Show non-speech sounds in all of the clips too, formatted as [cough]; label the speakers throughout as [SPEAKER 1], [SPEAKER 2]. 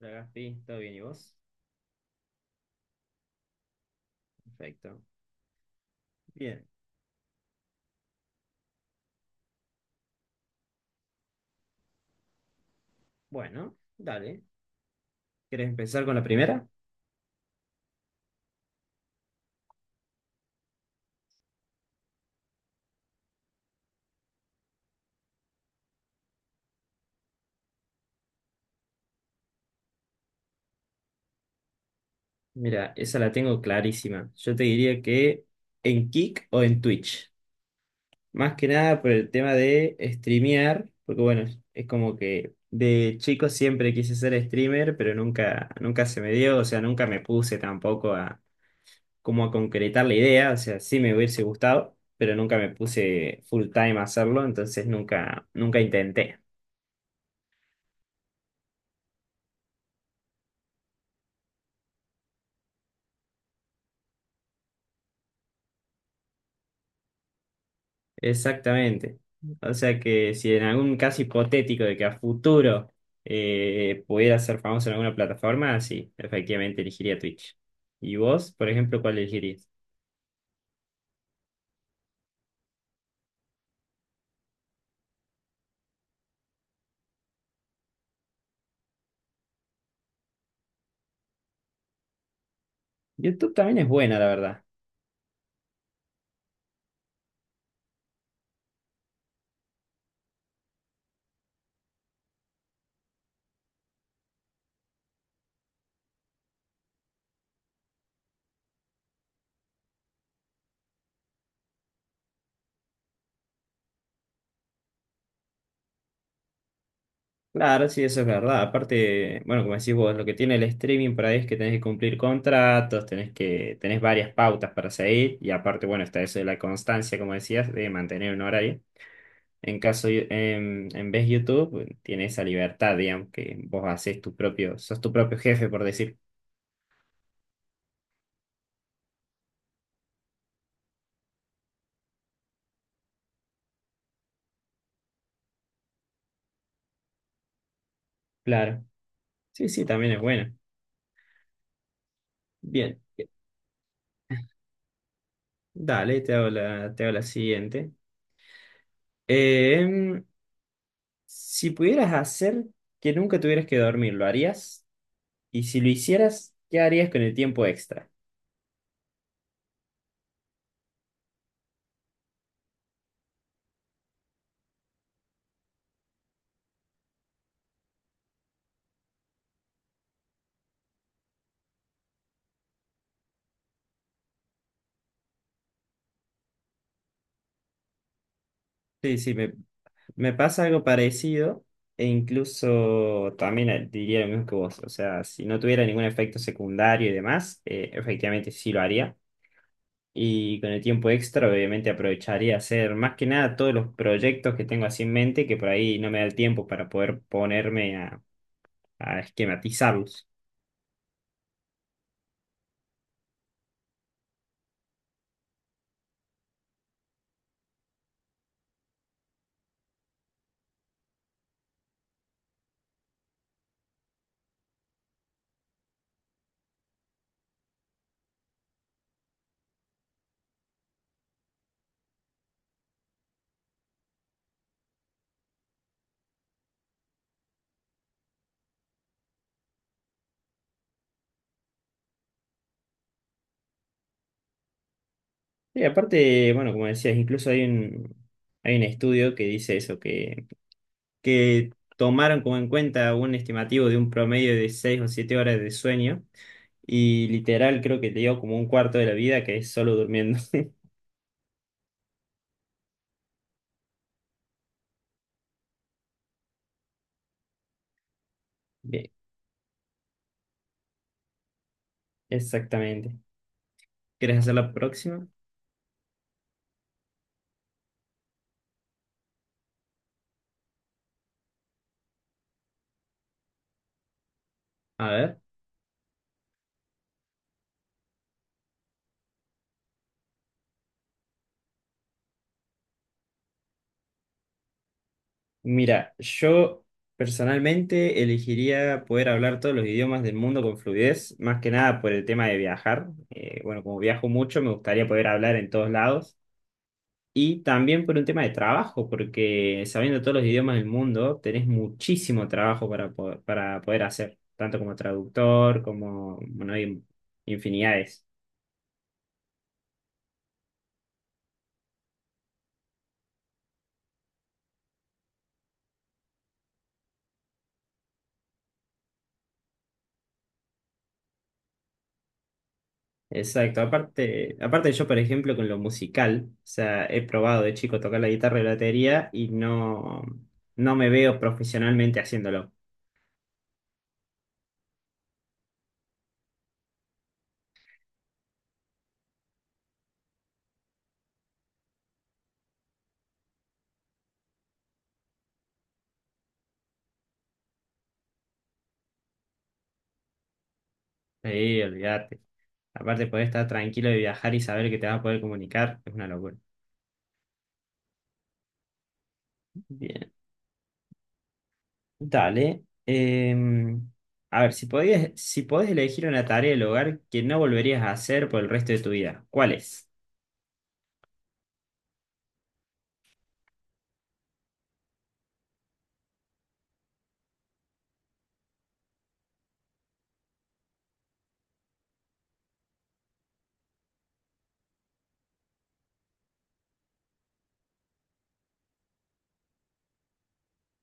[SPEAKER 1] Hola, Gaspi, ¿todo bien y vos? Perfecto. Bien, bueno, dale. ¿Querés empezar con la primera? Mira, esa la tengo clarísima. Yo te diría que en Kick o en Twitch. Más que nada por el tema de streamear, porque bueno, es como que de chico siempre quise ser streamer, pero nunca se me dio, o sea, nunca me puse tampoco a como a concretar la idea, o sea, sí me hubiese gustado, pero nunca me puse full time a hacerlo, entonces nunca intenté. Exactamente. O sea que si en algún caso hipotético de que a futuro pudiera ser famoso en alguna plataforma, sí, efectivamente elegiría Twitch. ¿Y vos, por ejemplo, cuál elegirías? YouTube también es buena, la verdad. Claro, sí, eso es verdad. Aparte, bueno, como decís vos, lo que tiene el streaming por ahí es que tenés que cumplir contratos, tenés varias pautas para seguir, y aparte, bueno, está eso de la constancia, como decías, de mantener un horario. En caso, yo- en vez YouTube, bueno, tiene esa libertad, digamos, que vos haces tu propio, sos tu propio jefe, por decir. Claro. Sí, sí, también es bueno. Bien. Dale, te hago la siguiente. Em, si pudieras hacer que nunca tuvieras que dormir, ¿lo harías? Y si lo hicieras, ¿qué harías con el tiempo extra? Sí, sí, me pasa algo parecido. E incluso también diría lo mismo que vos. O sea, si no tuviera ningún efecto secundario y demás, efectivamente sí lo haría. Y con el tiempo extra, obviamente, aprovecharía hacer más que nada todos los proyectos que tengo así en mente, que por ahí no me da el tiempo para poder a esquematizarlos. Y aparte, bueno, como decías, hay un estudio que dice eso, que tomaron como en cuenta un estimativo de un promedio de 6 o 7 horas de sueño, y literal creo que te dio como un cuarto de la vida que es solo durmiendo. [laughs] Bien, exactamente. ¿Quieres hacer la próxima? A ver. Mira, yo personalmente elegiría poder hablar todos los idiomas del mundo con fluidez, más que nada por el tema de viajar. Bueno, como viajo mucho, me gustaría poder hablar en todos lados. Y también por un tema de trabajo, porque sabiendo todos los idiomas del mundo, tenés muchísimo trabajo para poder hacer, tanto como traductor, como, bueno, hay infinidades. Exacto, aparte yo, por ejemplo, con lo musical, o sea, he probado de chico tocar la guitarra y la batería y no me veo profesionalmente haciéndolo. Sí, olvídate. Aparte, poder estar tranquilo de viajar y saber que te vas a poder comunicar es una locura. Bien, dale. Em, a ver, si podés elegir una tarea del hogar que no volverías a hacer por el resto de tu vida, ¿cuál es?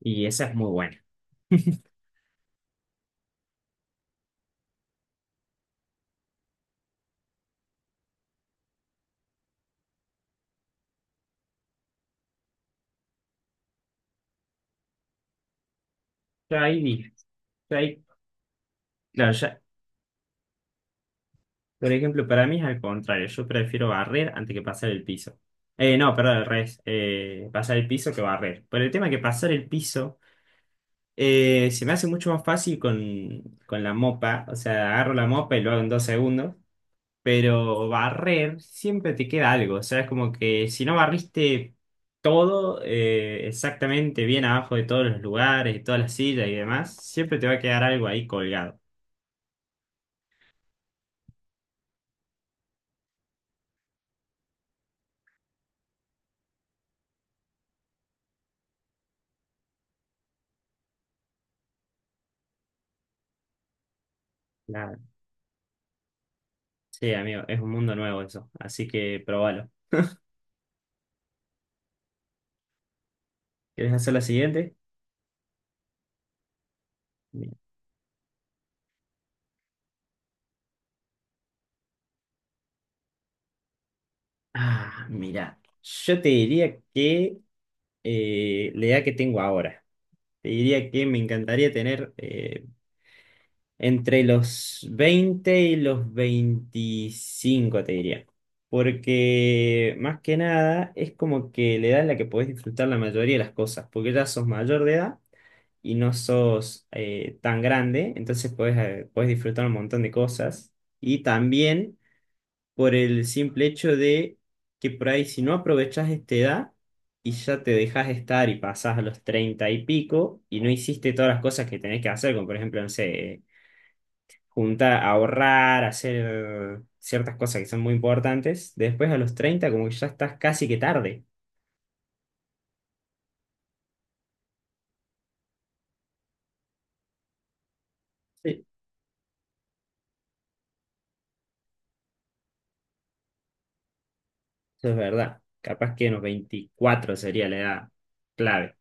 [SPEAKER 1] Y esa es muy buena. [laughs] Ya ahí, dije- ya ahí- claro, ya, por ejemplo, para mí es al contrario. Yo prefiero barrer antes que pasar el piso. No, perdón, al revés. Pasar el piso que barrer. Pero el tema es que pasar el piso se me hace mucho más fácil con la mopa. O sea, agarro la mopa y lo hago en dos segundos. Pero barrer siempre te queda algo. O sea, es como que si no barriste todo exactamente bien abajo de todos los lugares, de todas las sillas y demás, siempre te va a quedar algo ahí colgado. Claro. Sí, amigo, es un mundo nuevo eso. Así que probalo. ¿Quieres hacer la siguiente? Bien. Ah, mira, yo te diría que la edad que tengo ahora, te diría que me encantaría tener entre los 20 y los 25. Te diría. Porque más que nada es como que la edad en la que podés disfrutar la mayoría de las cosas, porque ya sos mayor de edad y no sos tan grande, entonces podés disfrutar un montón de cosas. Y también por el simple hecho de que por ahí si no aprovechás esta edad y ya te dejas estar y pasás a los 30 y pico y no hiciste todas las cosas que tenés que hacer, como por ejemplo, no sé, juntar, ahorrar, hacer ciertas cosas que son muy importantes, después a los 30 como que ya estás casi que tarde. Sí. Eso es verdad. Capaz que en los 24 sería la edad clave.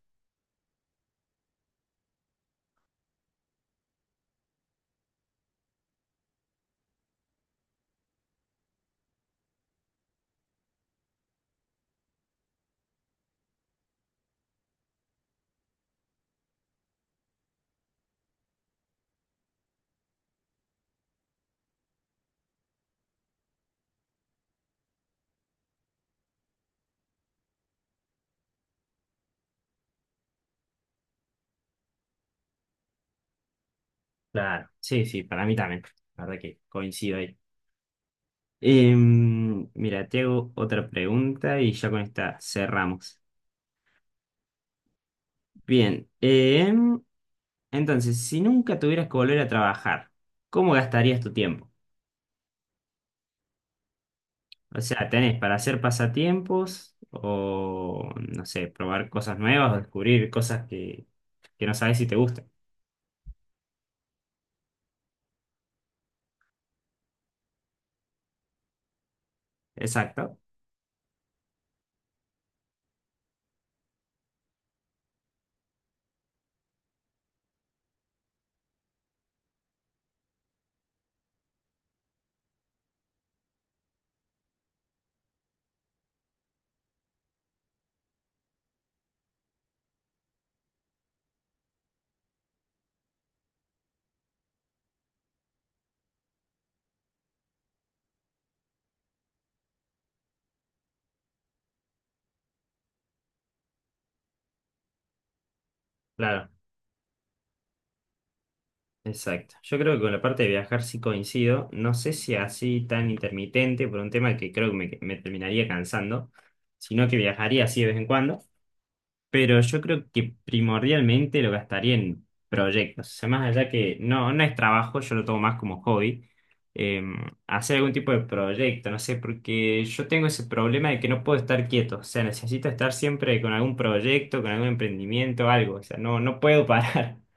[SPEAKER 1] Claro, sí, sí, para mí también. La verdad que coincido ahí. Mira, te hago otra pregunta y ya con esta cerramos. Bien, entonces, si nunca tuvieras que volver a trabajar, ¿cómo gastarías tu tiempo? O sea, ¿tenés para hacer pasatiempos o, no sé, probar cosas nuevas o descubrir que no sabes si te gustan? Exacto, claro, exacto. Yo creo que con la parte de viajar sí coincido. No sé si así tan intermitente por un tema que creo que me terminaría cansando, sino que viajaría así de vez en cuando. Pero yo creo que primordialmente lo gastaría en proyectos. O sea, más allá que no es trabajo, yo lo tomo más como hobby. eh, hacer algún tipo de proyecto, no sé, porque yo tengo ese problema de que no puedo estar quieto. O sea, necesito estar siempre con algún proyecto, con algún emprendimiento, algo. O sea, no puedo parar. [laughs]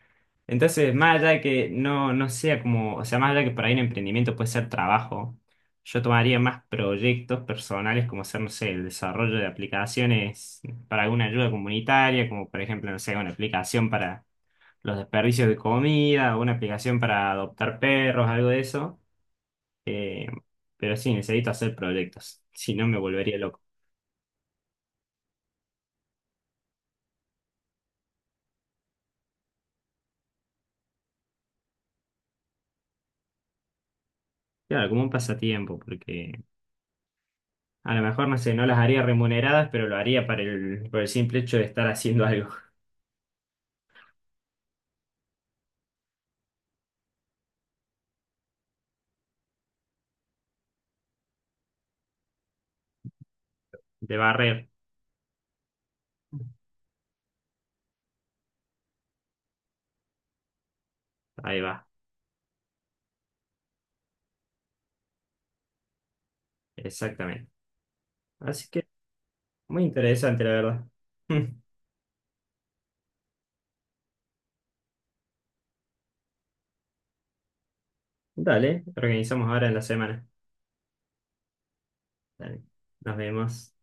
[SPEAKER 1] Entonces, más allá de que no sea como, o sea, más allá de que por ahí un emprendimiento puede ser trabajo, yo tomaría más proyectos personales como ser, no sé, el desarrollo de aplicaciones para alguna ayuda comunitaria, como por ejemplo, no sé, una aplicación para los desperdicios de comida, o una aplicación para adoptar perros, algo de eso. Eh, pero sí, necesito hacer proyectos, si no me volvería loco. Claro, como un pasatiempo, porque a lo mejor, no sé, no las haría remuneradas, pero lo haría para el, por el simple hecho de estar haciendo [laughs] algo. De barrer. Ahí va, exactamente. Así que muy interesante, la verdad. [laughs] Dale, organizamos ahora en la semana. Dale, nos vemos.